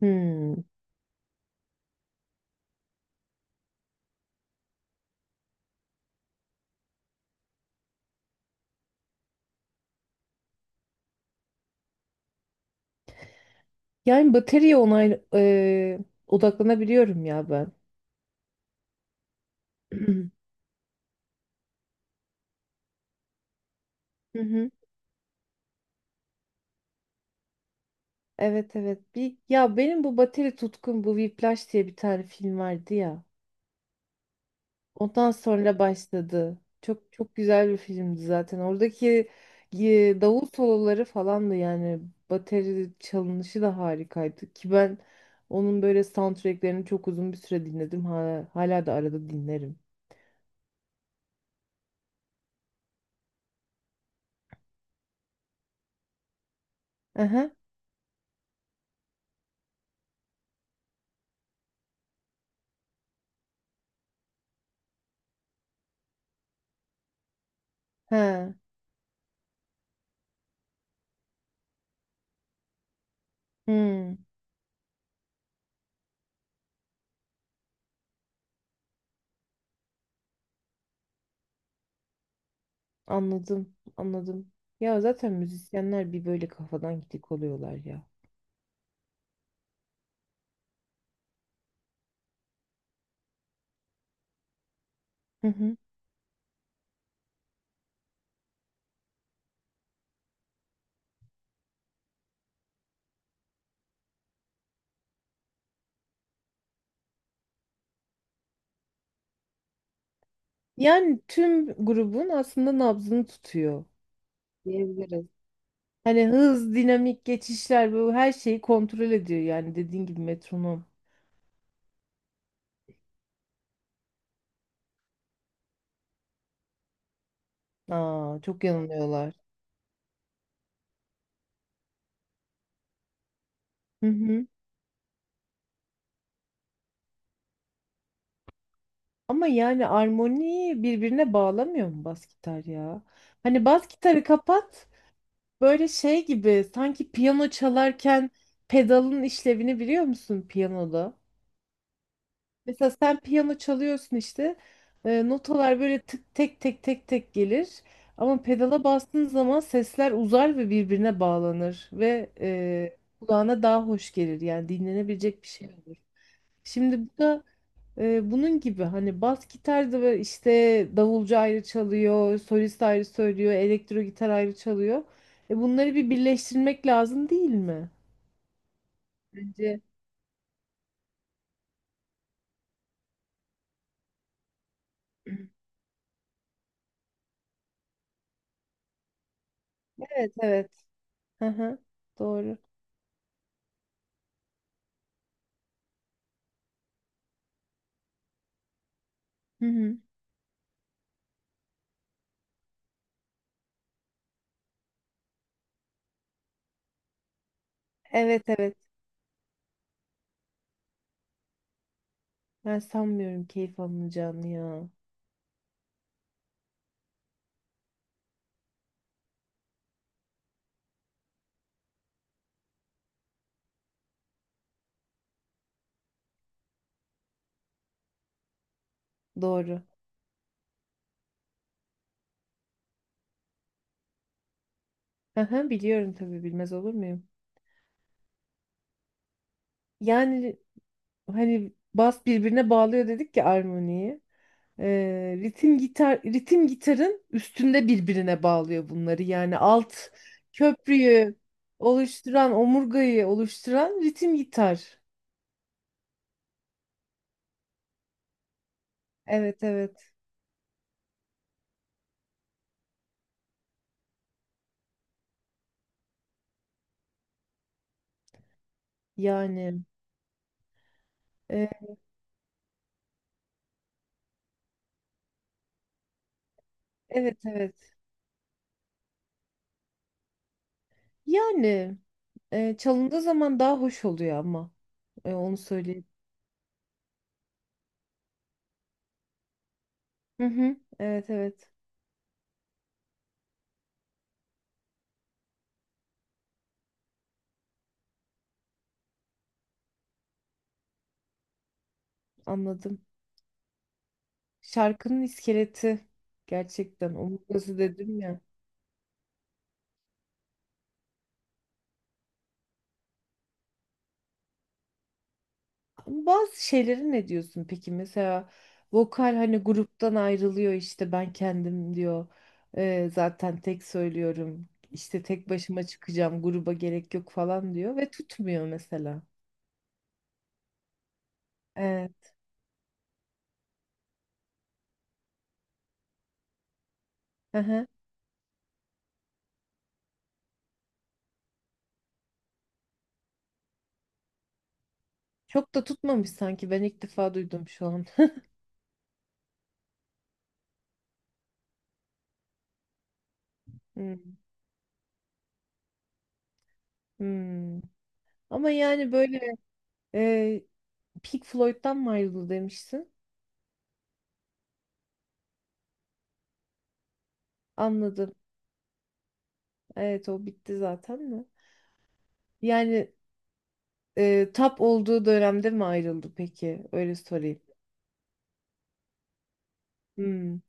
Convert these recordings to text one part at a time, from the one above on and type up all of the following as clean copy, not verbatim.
Hmm. Yani bataryaya onay odaklanabiliyorum ya ben. Hı hı. Evet evet. Bir ya benim bu bateri tutkum bu Whiplash diye bir tane film vardı ya. Ondan sonra başladı. Çok çok güzel bir filmdi zaten. Oradaki davul soloları falan da yani bateri çalınışı da harikaydı ki ben onun böyle soundtracklerini çok uzun bir süre dinledim. Hala, hala da arada dinlerim. Aha. Ha. Hmm. Anladım, anladım. Ya zaten müzisyenler bir böyle kafadan gidik oluyorlar ya. Hı hı. Yani tüm grubun aslında nabzını tutuyor diyebiliriz. Hani hız, dinamik geçişler bu her şeyi kontrol ediyor yani dediğin gibi metronom. Aa, çok yanılıyorlar. Hı hı. Ama yani armoniyi birbirine bağlamıyor mu bas gitar ya? Hani bas gitarı kapat böyle şey gibi sanki piyano çalarken pedalın işlevini biliyor musun piyanoda? Mesela sen piyano çalıyorsun işte. Notalar böyle tık tek tek tek tek gelir. Ama pedala bastığın zaman sesler uzar ve birbirine bağlanır ve kulağına daha hoş gelir. Yani dinlenebilecek bir şey olur. Şimdi bu da bunun gibi hani bas gitar da böyle işte davulcu ayrı çalıyor, solist ayrı söylüyor, elektro gitar ayrı çalıyor. E bunları bir birleştirmek lazım değil mi? Bence. Evet evet. Hı hı. Doğru. Hı hı. Evet evet. Ben sanmıyorum keyif alınacağını ya. Doğru. Aha, biliyorum tabii bilmez olur muyum? Yani hani bas birbirine bağlıyor dedik ya armoniyi. Ritim gitar ritim gitarın üstünde birbirine bağlıyor bunları. Yani alt köprüyü oluşturan, omurgayı oluşturan ritim gitar. Evet evet. Yani e, evet evet. Yani çalındığı zaman daha hoş oluyor ama E, onu söyleyeyim. Hı hı. Evet evet. Anladım. Şarkının iskeleti gerçekten omurgası dedim ya. Ama bazı şeylere ne diyorsun peki? Mesela vokal hani gruptan ayrılıyor işte ben kendim diyor. Zaten tek söylüyorum. İşte tek başıma çıkacağım gruba gerek yok falan diyor ve tutmuyor mesela. Evet. Hı hı. Çok da tutmamış sanki ben ilk defa duydum şu an. Hmm. Hmm. Ama yani böyle e, Pink Floyd'dan mı ayrıldı demişsin? Anladım. Evet o bitti zaten mi? Yani tap olduğu dönemde mi ayrıldı peki? Öyle sorayım. Hmm.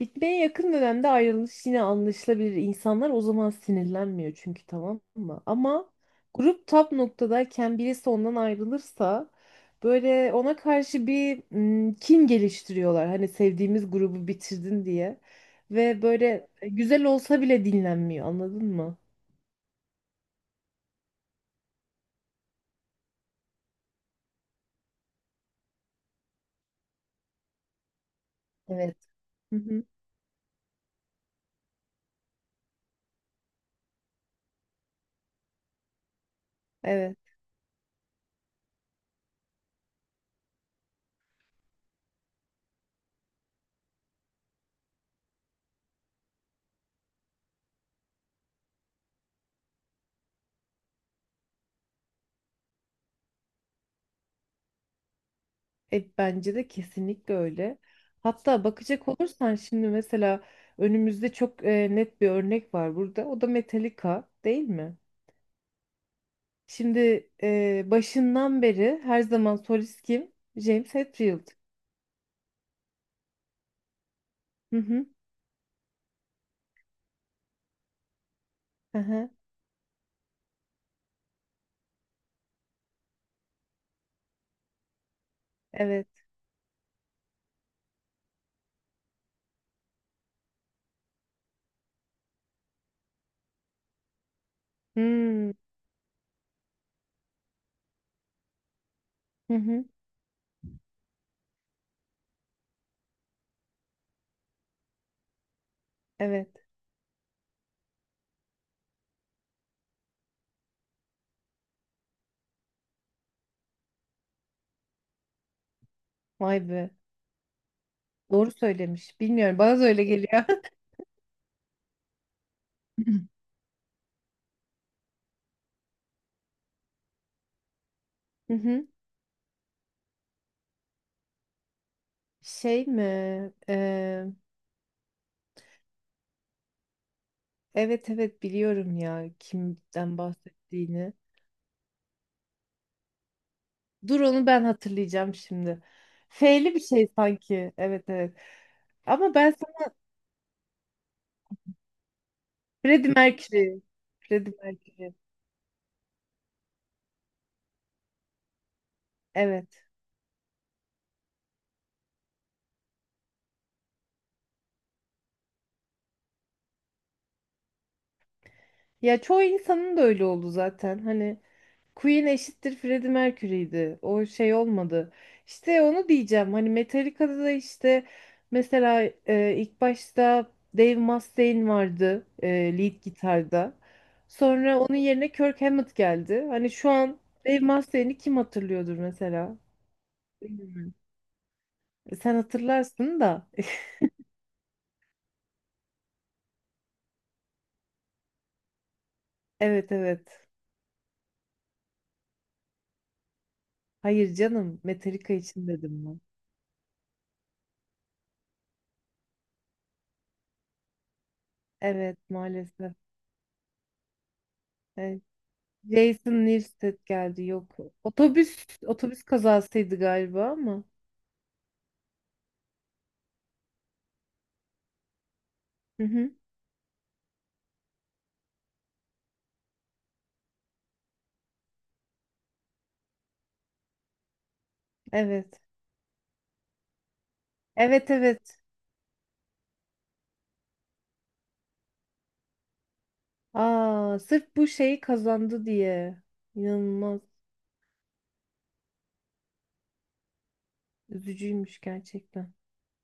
Bitmeye yakın dönemde ayrılış yine anlaşılabilir. İnsanlar o zaman sinirlenmiyor çünkü tamam mı? Ama grup tap noktadayken birisi ondan ayrılırsa böyle ona karşı bir kin geliştiriyorlar. Hani sevdiğimiz grubu bitirdin diye. Ve böyle güzel olsa bile dinlenmiyor anladın mı? Evet. Hı hı. Evet. E, bence de kesinlikle öyle. Hatta bakacak olursan şimdi mesela önümüzde çok net bir örnek var burada. O da Metallica değil mi? Şimdi başından beri her zaman solist kim? James Hetfield. Hı hı. Hı hı. Evet. Hmm. Hı hı. Evet. Vay be. Doğru söylemiş. Bilmiyorum. Bana da öyle geliyor. Hı hı. Şey mi? Eee, evet evet biliyorum ya kimden bahsettiğini. Dur onu ben hatırlayacağım şimdi. F'li bir şey sanki. Evet evet. Ama ben sana Freddie Mercury. Freddie Mercury. Evet. Ya çoğu insanın da öyle oldu zaten. Hani Queen eşittir Freddie Mercury'ydi. O şey olmadı. İşte onu diyeceğim. Hani Metallica'da da işte mesela ilk başta Dave Mustaine vardı lead gitarda. Sonra onun yerine Kirk Hammett geldi. Hani şu an Dave Mustaine'i kim hatırlıyordur mesela? E, sen hatırlarsın da. Evet evet. Hayır canım. Metallica için dedim ben. Evet maalesef. Evet. Jason Newsted geldi yok. Otobüs kazasıydı galiba ama. Hı hı. Evet. Evet evet. Aa, sırf bu şeyi kazandı diye. İnanılmaz üzücüymüş gerçekten.